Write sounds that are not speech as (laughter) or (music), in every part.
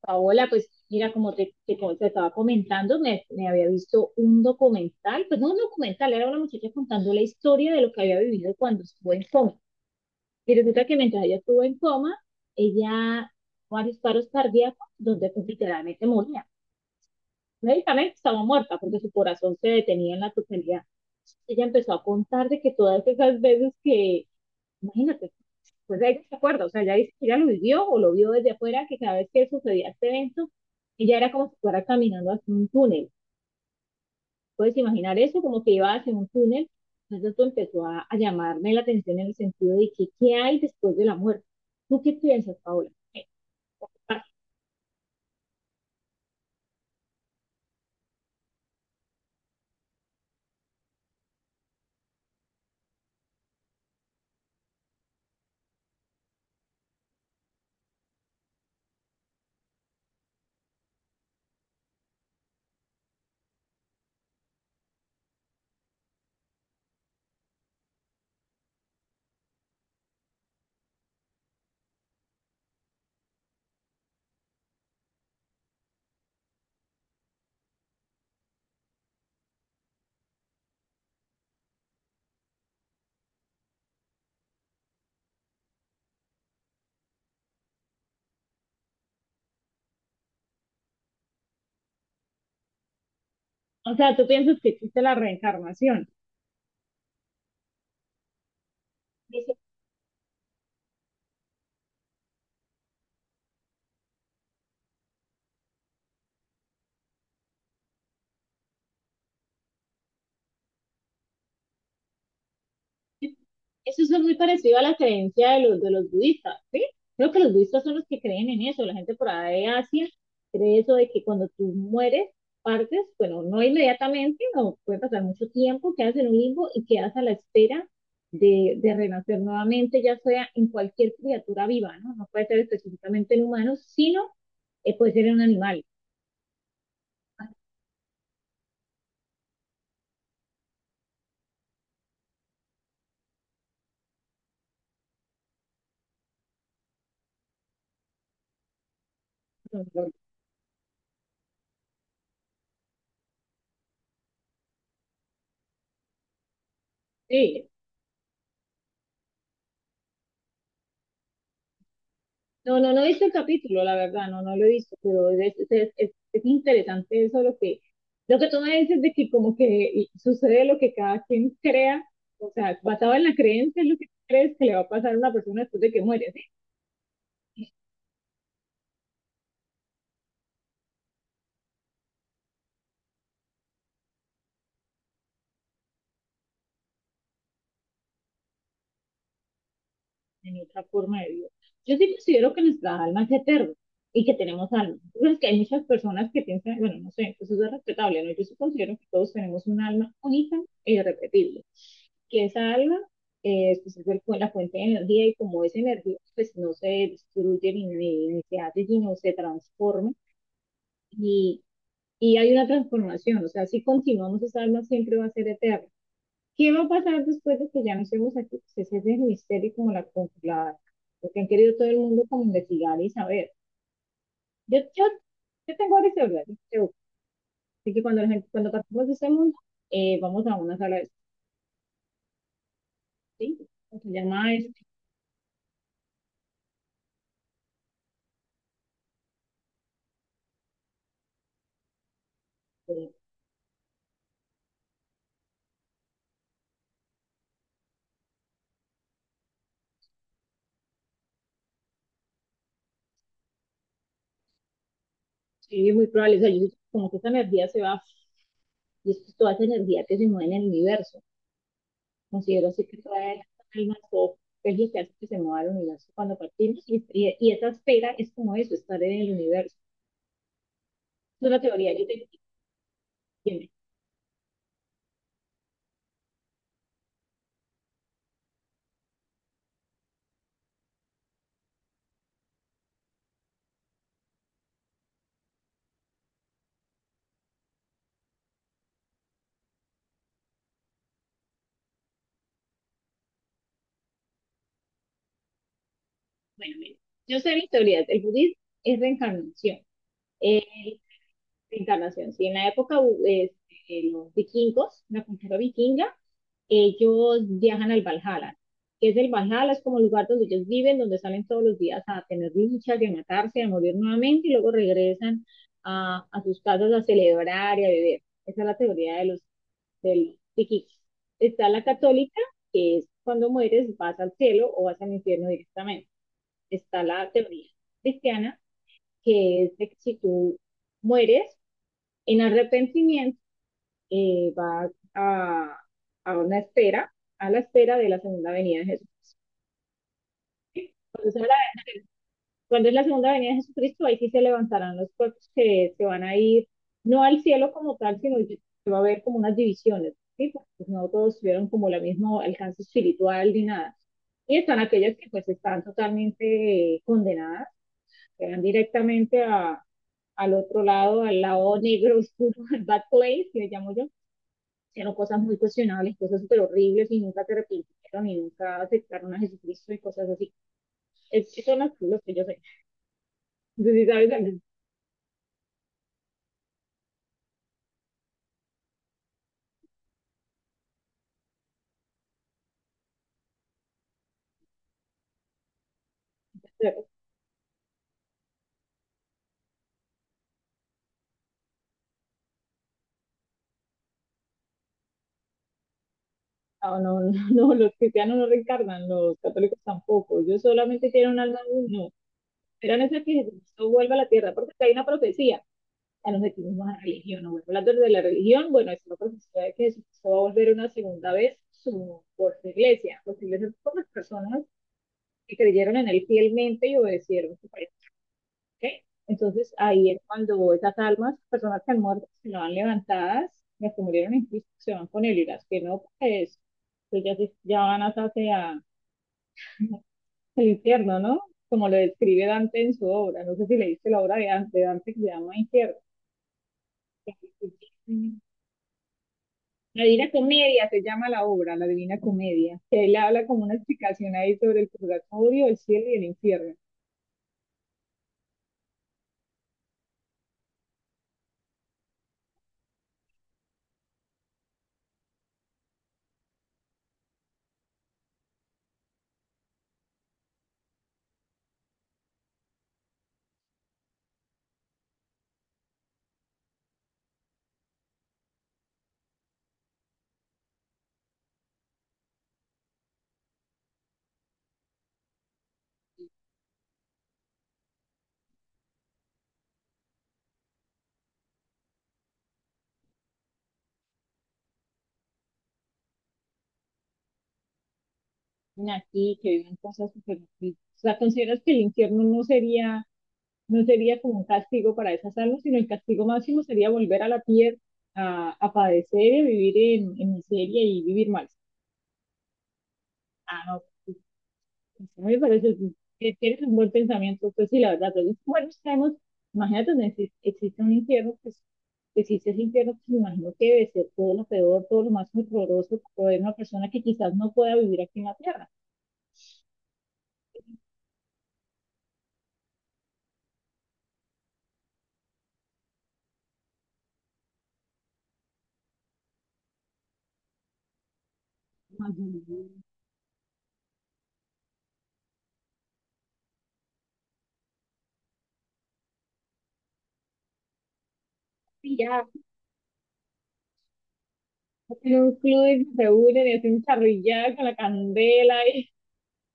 Paola, pues mira, como te estaba comentando, me había visto un documental, pues no un documental, era una muchacha contando la historia de lo que había vivido cuando estuvo en coma. Y resulta que mientras ella estuvo en coma, ella tuvo varios paros cardíacos donde pues, literalmente moría. Médicamente estaba muerta porque su corazón se detenía en la totalidad. Ella empezó a contar de que todas esas veces que, imagínate, pues ella se acuerda, o sea, ella dice que ella lo vivió o lo vio desde afuera, que cada vez que sucedía este evento, ella era como si fuera caminando hacia un túnel. Puedes imaginar eso, como que iba hacia un túnel. Entonces esto empezó a llamarme la atención en el sentido de que, ¿qué hay después de la muerte? ¿Tú qué piensas, Paola? ¿Qué pasa? O sea, tú piensas que existe la reencarnación. Dice eso es muy parecido a la creencia de los budistas, ¿sí? Creo que los budistas son los que creen en eso. La gente por ahí de Asia cree eso de que cuando tú mueres, partes, bueno, no inmediatamente, no puede pasar mucho tiempo, quedas en un limbo y quedas a la espera de renacer nuevamente, ya sea en cualquier criatura viva, ¿no? No puede ser específicamente en humanos, sino puede ser en un animal. Sí, no, no, no he visto el capítulo, la verdad, no, no lo he visto, pero es interesante eso lo que tú me dices de que como que sucede lo que cada quien crea, o sea, basado en la creencia es lo que crees que le va a pasar a una persona después de que muere, en otra forma de vida. Yo sí considero que nuestra alma es eterna y que tenemos alma. Entonces, que hay muchas personas que piensan, bueno, no sé, pues eso es respetable, ¿no? Yo sí considero que todos tenemos un alma única e irrepetible, que esa alma pues es el, la fuente de energía y como esa energía pues no se destruye ni se hace, sino se transforma y, y hay una transformación, o sea, si continuamos esa alma siempre va a ser eterna. ¿Qué va a pasar después de que ya no estemos aquí? Pues ese es el misterio como la conclusión, lo que han querido todo el mundo como investigar y saber. Yo, yo, yo tengo varias teorías, yo creo. Así que cuando, la gente, cuando partimos de este mundo, vamos a una sala de sí, se llama este, sí, es muy probable, o sea, yo siento como que esta energía se va, y esto es toda esa energía que se mueve en el universo, considero así que trae almas o es lo que hace que se mueva el universo cuando partimos, y esa esfera es como eso, estar en el universo. Es una teoría, yo tengo. Bien, bueno, mire, yo sé mis teorías. El budismo es reencarnación. Eh, reencarnación. Si en la época los vikingos, la cultura vikinga, ellos viajan al Valhalla. Que es el Valhalla? Es como el lugar donde ellos viven, donde salen todos los días a tener luchas y a matarse, a morir nuevamente y luego regresan a sus casas a celebrar y a beber. Esa es la teoría de los, del vikingos. Está la católica, que es cuando mueres vas al cielo o vas al infierno directamente. Está la teoría cristiana, que es de que si tú mueres en arrepentimiento, eh, vas a, a una espera, a la espera de la segunda venida de Jesús. Cuando, sea la- cuando es la segunda venida de Jesucristo, ahí sí se levantarán los cuerpos que se van a ir, no al cielo como tal, sino que va a haber como unas divisiones, ¿sí? Pues, no todos tuvieron como el mismo alcance espiritual ni nada. Y están aquellas que pues están totalmente condenadas, que van directamente a, al otro lado, al lado negro, (laughs) oscuro, al bad place, que le llamo yo, hicieron cosas muy cuestionables, cosas súper horribles y nunca se arrepintieron y nunca aceptaron a Jesucristo y cosas así. Son los que yo sé. No sé si sabes, no, no, no, (laughs) los cristianos no reencarnan, los católicos tampoco. Ellos solamente tienen un alma, no. Esperan es el que Jesucristo vuelva a la tierra, porque hay una profecía. A los que vimos a la religión, no vuelvo a de la religión, bueno, es una profecía de que Jesucristo va a volver una segunda vez su, por su iglesia, por su iglesia, por las personas que creyeron en él fielmente y obedecieron su palabra. ¿Ok? Entonces ahí es cuando esas almas, personas que han muerto, se lo han levantadas, las que murieron en Cristo se van con él y las que no, pues, pues ya, se- ya van hasta hacia el infierno, ¿no? Como lo describe Dante en su obra. No sé si leíste la obra de Dante, Dante que se llama Infierno. La Divina Comedia se llama la obra, la Divina Comedia, que él habla como una explicación ahí sobre el purgatorio, el cielo y el infierno. Aquí, que viven cosas súper... O sea, ¿consideras que el infierno no sería, no sería como un castigo para esas almas, sino el castigo máximo sería volver a la tierra a padecer y a vivir en miseria y vivir mal? Ah, no, pues, a me parece que tienes un buen pensamiento, pues sí, la verdad, entonces, bueno, sabemos, imagínate, existe, existe un infierno, pues que existe ese infierno, pues me imagino que debe ser todo lo peor, todo lo más horroroso, poder una persona que quizás no pueda vivir aquí en la tierra. Más bien, y ya en un club y se reúnen y hacen charrillada con la candela y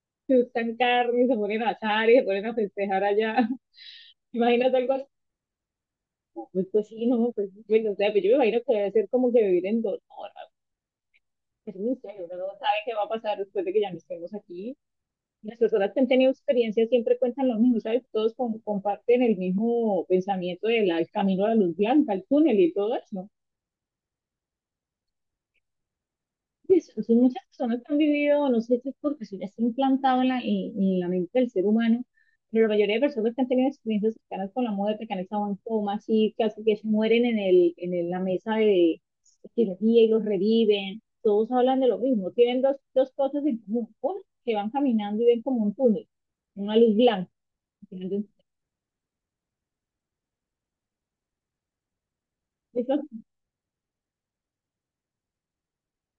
(laughs) se gustan carne y se ponen a asar y se ponen a festejar allá. (laughs) Imagínate algo así. No, pues, pues sí, no, pues, pues no sé, pero yo me imagino que debe ser como que vivir en dolor. Algo. Es un misterio, uno no sabe qué va a pasar después de que ya no estemos aquí. Las personas que han tenido experiencias siempre cuentan lo mismo, ¿sabes? Todos comparten el mismo pensamiento del al camino a la luz blanca, al túnel y todo eso. Sí, son son muchas personas que han vivido, no sé si es porque eso ya está implantado en en la mente del ser humano, pero la mayoría de personas que han tenido experiencias cercanas con la muerte, que han estado en coma, así casi que se mueren en la mesa de cirugía y los reviven, todos hablan de lo mismo, tienen dos cosas en común, una, que van caminando y ven como un túnel, una luz blanca, tienen esos-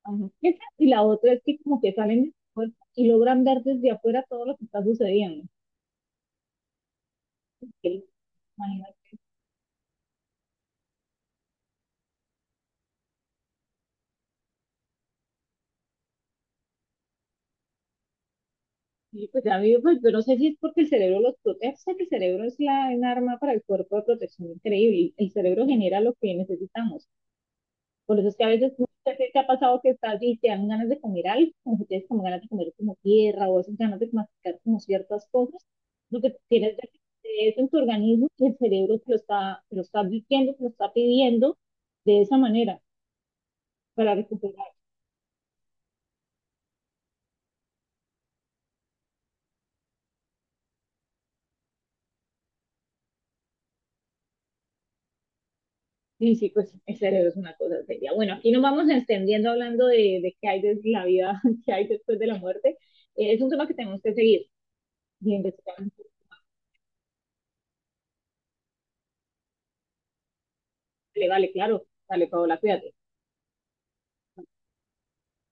ajá, esa, y la otra es que como que salen de su cuerpo y logran ver desde afuera todo lo que está sucediendo. Que y pues a mí, pues yo no sé si es porque el cerebro los protege, o sea, que el cerebro es la, un arma para el cuerpo de protección increíble. El cerebro genera lo que necesitamos. Por eso es que a veces no sé si te ha pasado que estás y te dan ganas de comer algo, como que tienes como ganas de comer como tierra o esas ganas de masticar como ciertas cosas. Lo que tienes de eso en tu organismo, que el cerebro te lo está advirtiendo, te lo está pidiendo de esa manera para recuperar. Sí, sí, pues el cerebro es una cosa seria. Bueno, aquí nos vamos extendiendo hablando de qué hay de la vida, (laughs) qué hay después de la muerte. Es un tema que tenemos que seguir y investigar. Vale, vale, claro. Dale, Paola, cuídate.